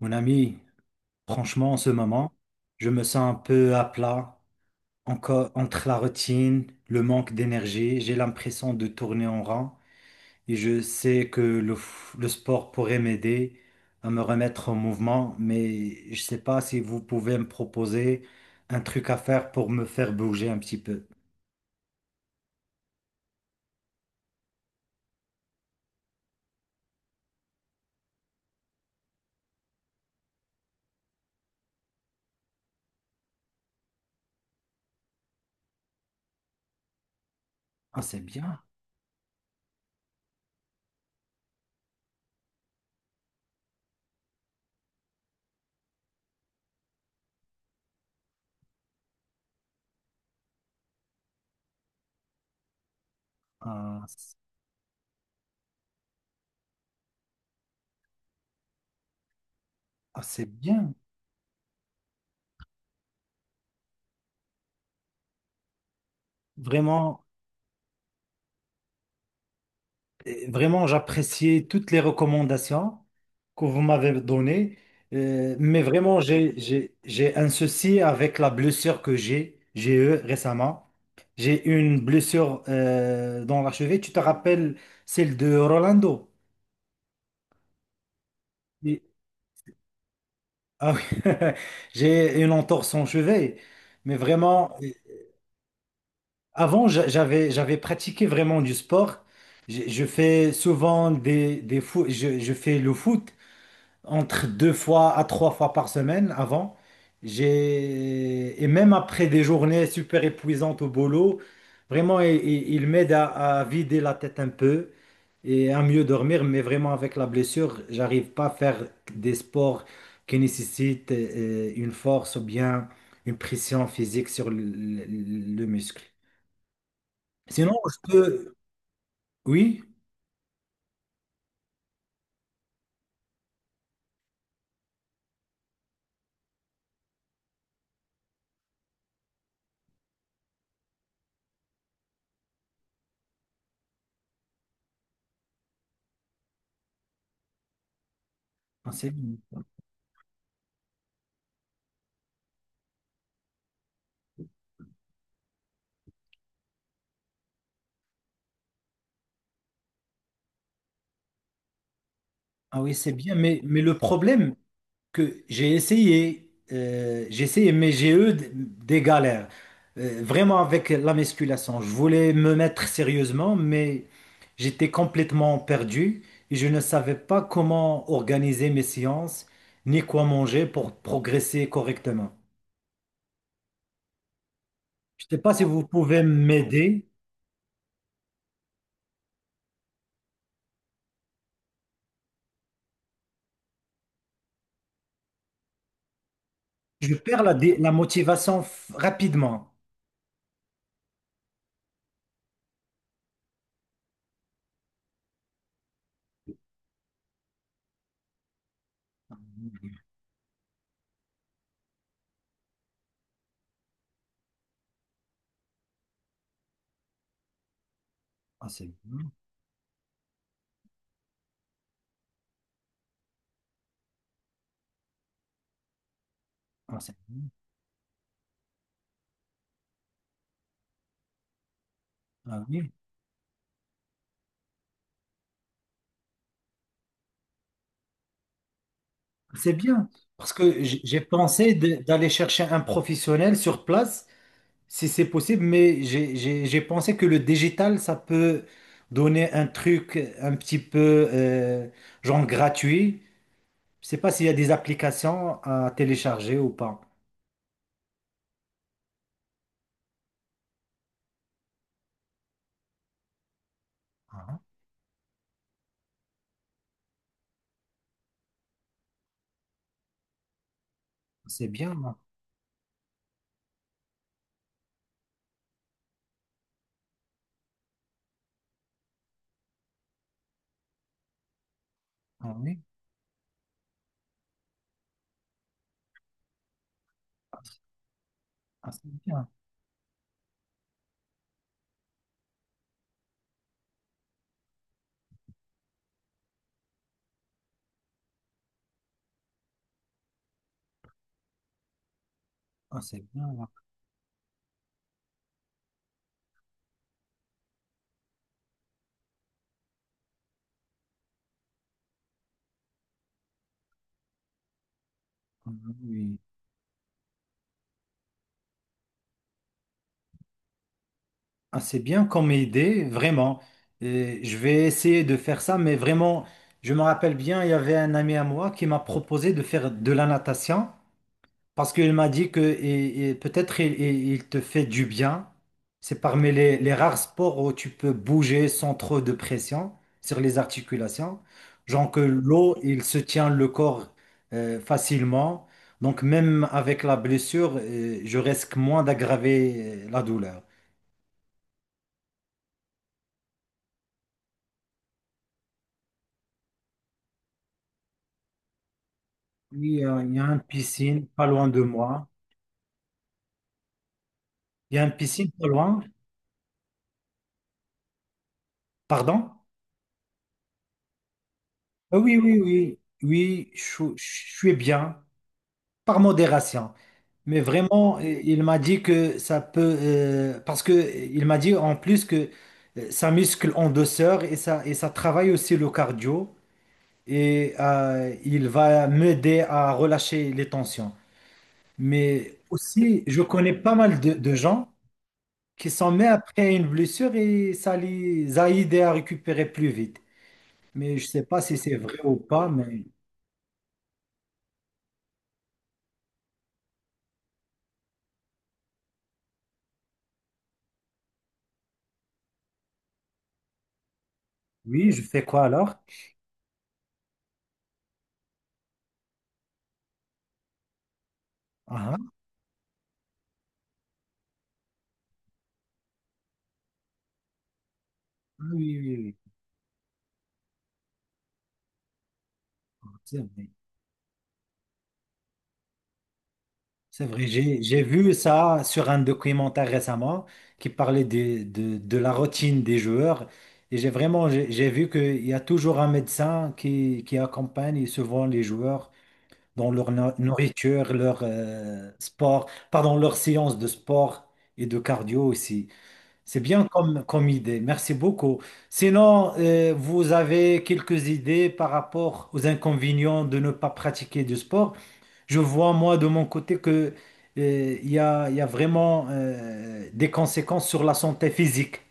Mon ami, franchement, en ce moment, je me sens un peu à plat, encore entre la routine, le manque d'énergie. J'ai l'impression de tourner en rond et je sais que le sport pourrait m'aider à me remettre en mouvement, mais je ne sais pas si vous pouvez me proposer un truc à faire pour me faire bouger un petit peu. Ah, c'est bien. Ah, c'est ah, c'est bien. Vraiment. Vraiment, j'appréciais toutes les recommandations que vous m'avez données. Mais vraiment, j'ai un souci avec la blessure que j'ai eue récemment. J'ai eu une blessure dans la cheville. Tu te rappelles celle de Rolando? Oui. Ah oui. J'ai une entorse en cheville. Mais vraiment, avant, j'avais pratiqué vraiment du sport. Je fais souvent des foot, je fais le foot, entre deux fois à trois fois par semaine avant. J'ai, et même après des journées super épuisantes au boulot, vraiment, il m'aide à vider la tête un peu et à mieux dormir. Mais vraiment, avec la blessure, j'arrive pas à faire des sports qui nécessitent une force ou bien une pression physique sur le muscle. Sinon, je peux... Oui, ah, c'est- ah oui, c'est bien, mais le problème, que j'ai essayé, mais j'ai eu des galères. Vraiment avec la musculation. Je voulais me mettre sérieusement, mais j'étais complètement perdu et je ne savais pas comment organiser mes séances ni quoi manger pour progresser correctement. Je ne sais pas si vous pouvez m'aider. Je perds la motivation rapidement. Ah, c'est bien. Ah, c'est bien. Ah oui. C'est bien. Parce que j'ai pensé d'aller chercher un professionnel sur place si c'est possible, mais j'ai pensé que le digital, ça peut donner un truc un petit peu genre gratuit. Je sais pas s'il y a des applications à télécharger ou pas. Ah, c'est bien, là. Ah oui. Ah, c'est bien. Ah, c'est bien, là. Ah oui. Ah, c'est bien comme idée, vraiment. Et je vais essayer de faire ça, mais vraiment, je me rappelle bien, il y avait un ami à moi qui m'a proposé de faire de la natation. Parce qu'il m'a dit que et peut-être il te fait du bien. C'est parmi les rares sports où tu peux bouger sans trop de pression sur les articulations. Genre que l'eau, il se tient le corps facilement. Donc même avec la blessure, je risque moins d'aggraver la douleur. Oui, il y a une piscine pas loin de moi. Il y a une piscine pas loin. Pardon? Ah oui, oui, oui. Oui, je suis bien. Par modération. Mais vraiment, il m'a dit que ça peut, parce que il m'a dit en plus que ça muscle en douceur et ça travaille aussi le cardio et il va m'aider à relâcher les tensions. Mais aussi, je connais pas mal de gens qui s'en mettent après une blessure et ça les a aidés à récupérer plus vite. Mais je sais pas si c'est vrai ou pas, mais oui, je fais quoi alors? Ah, ah, oui, oui, oui. C'est vrai, j'ai vu ça sur un documentaire récemment qui parlait de la routine des joueurs. Et j'ai vraiment, j'ai vu qu'il y a toujours un médecin qui accompagne souvent les joueurs dans leur nourriture, leur sport, pardon, leur séance de sport et de cardio aussi. C'est bien comme, comme idée. Merci beaucoup. Sinon, vous avez quelques idées par rapport aux inconvénients de ne pas pratiquer du sport? Je vois, moi, de mon côté, que, il y a vraiment des conséquences sur la santé physique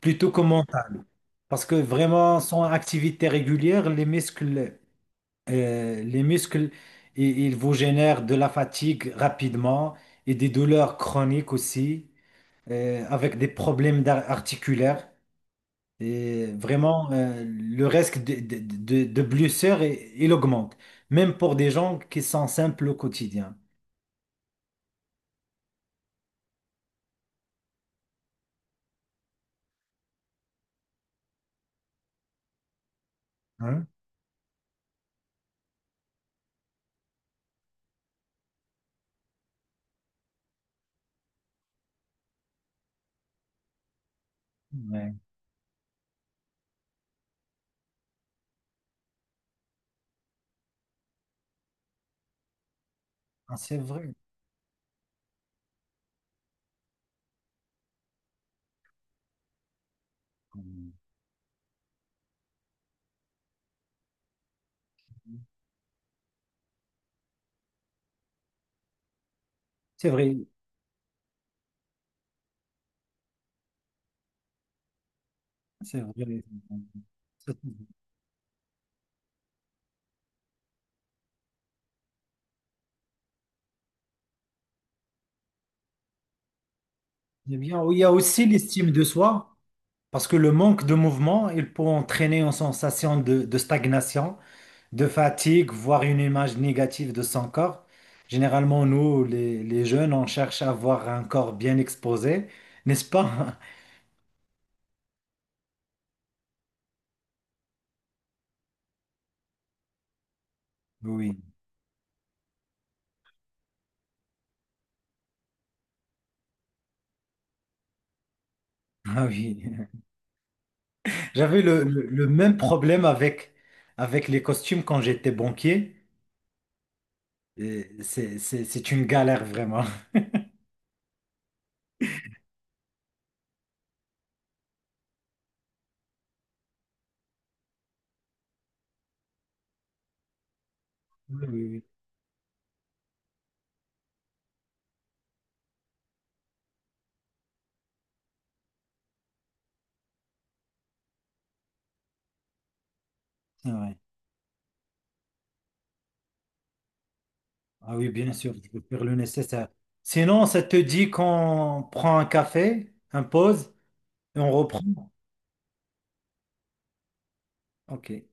plutôt que mentale. Parce que vraiment, sans activité régulière, les muscles, euh, les muscles, ils vous génèrent de la fatigue rapidement et des douleurs chroniques aussi, avec des problèmes articulaires. Et vraiment, le risque de blessures, il augmente, même pour des gens qui sont simples au quotidien. Hein? Ouais. Ah, c'est vrai. C'est vrai, c'est vrai. C'est bien. Oui, il y a aussi l'estime de soi, parce que le manque de mouvement, il peut entraîner une sensation de stagnation, de fatigue, voire une image négative de son corps. Généralement, nous, les jeunes, on cherche à avoir un corps bien exposé, n'est-ce pas? Oui, ah oui. J'avais le même problème avec, avec les costumes quand j'étais banquier. Et c'est une galère vraiment. Oui, oui, oui, c'est vrai. Ah oui, bien sûr, je vais faire le nécessaire. Sinon, ça te dit qu'on prend un café, un pause, et on reprend. Ok.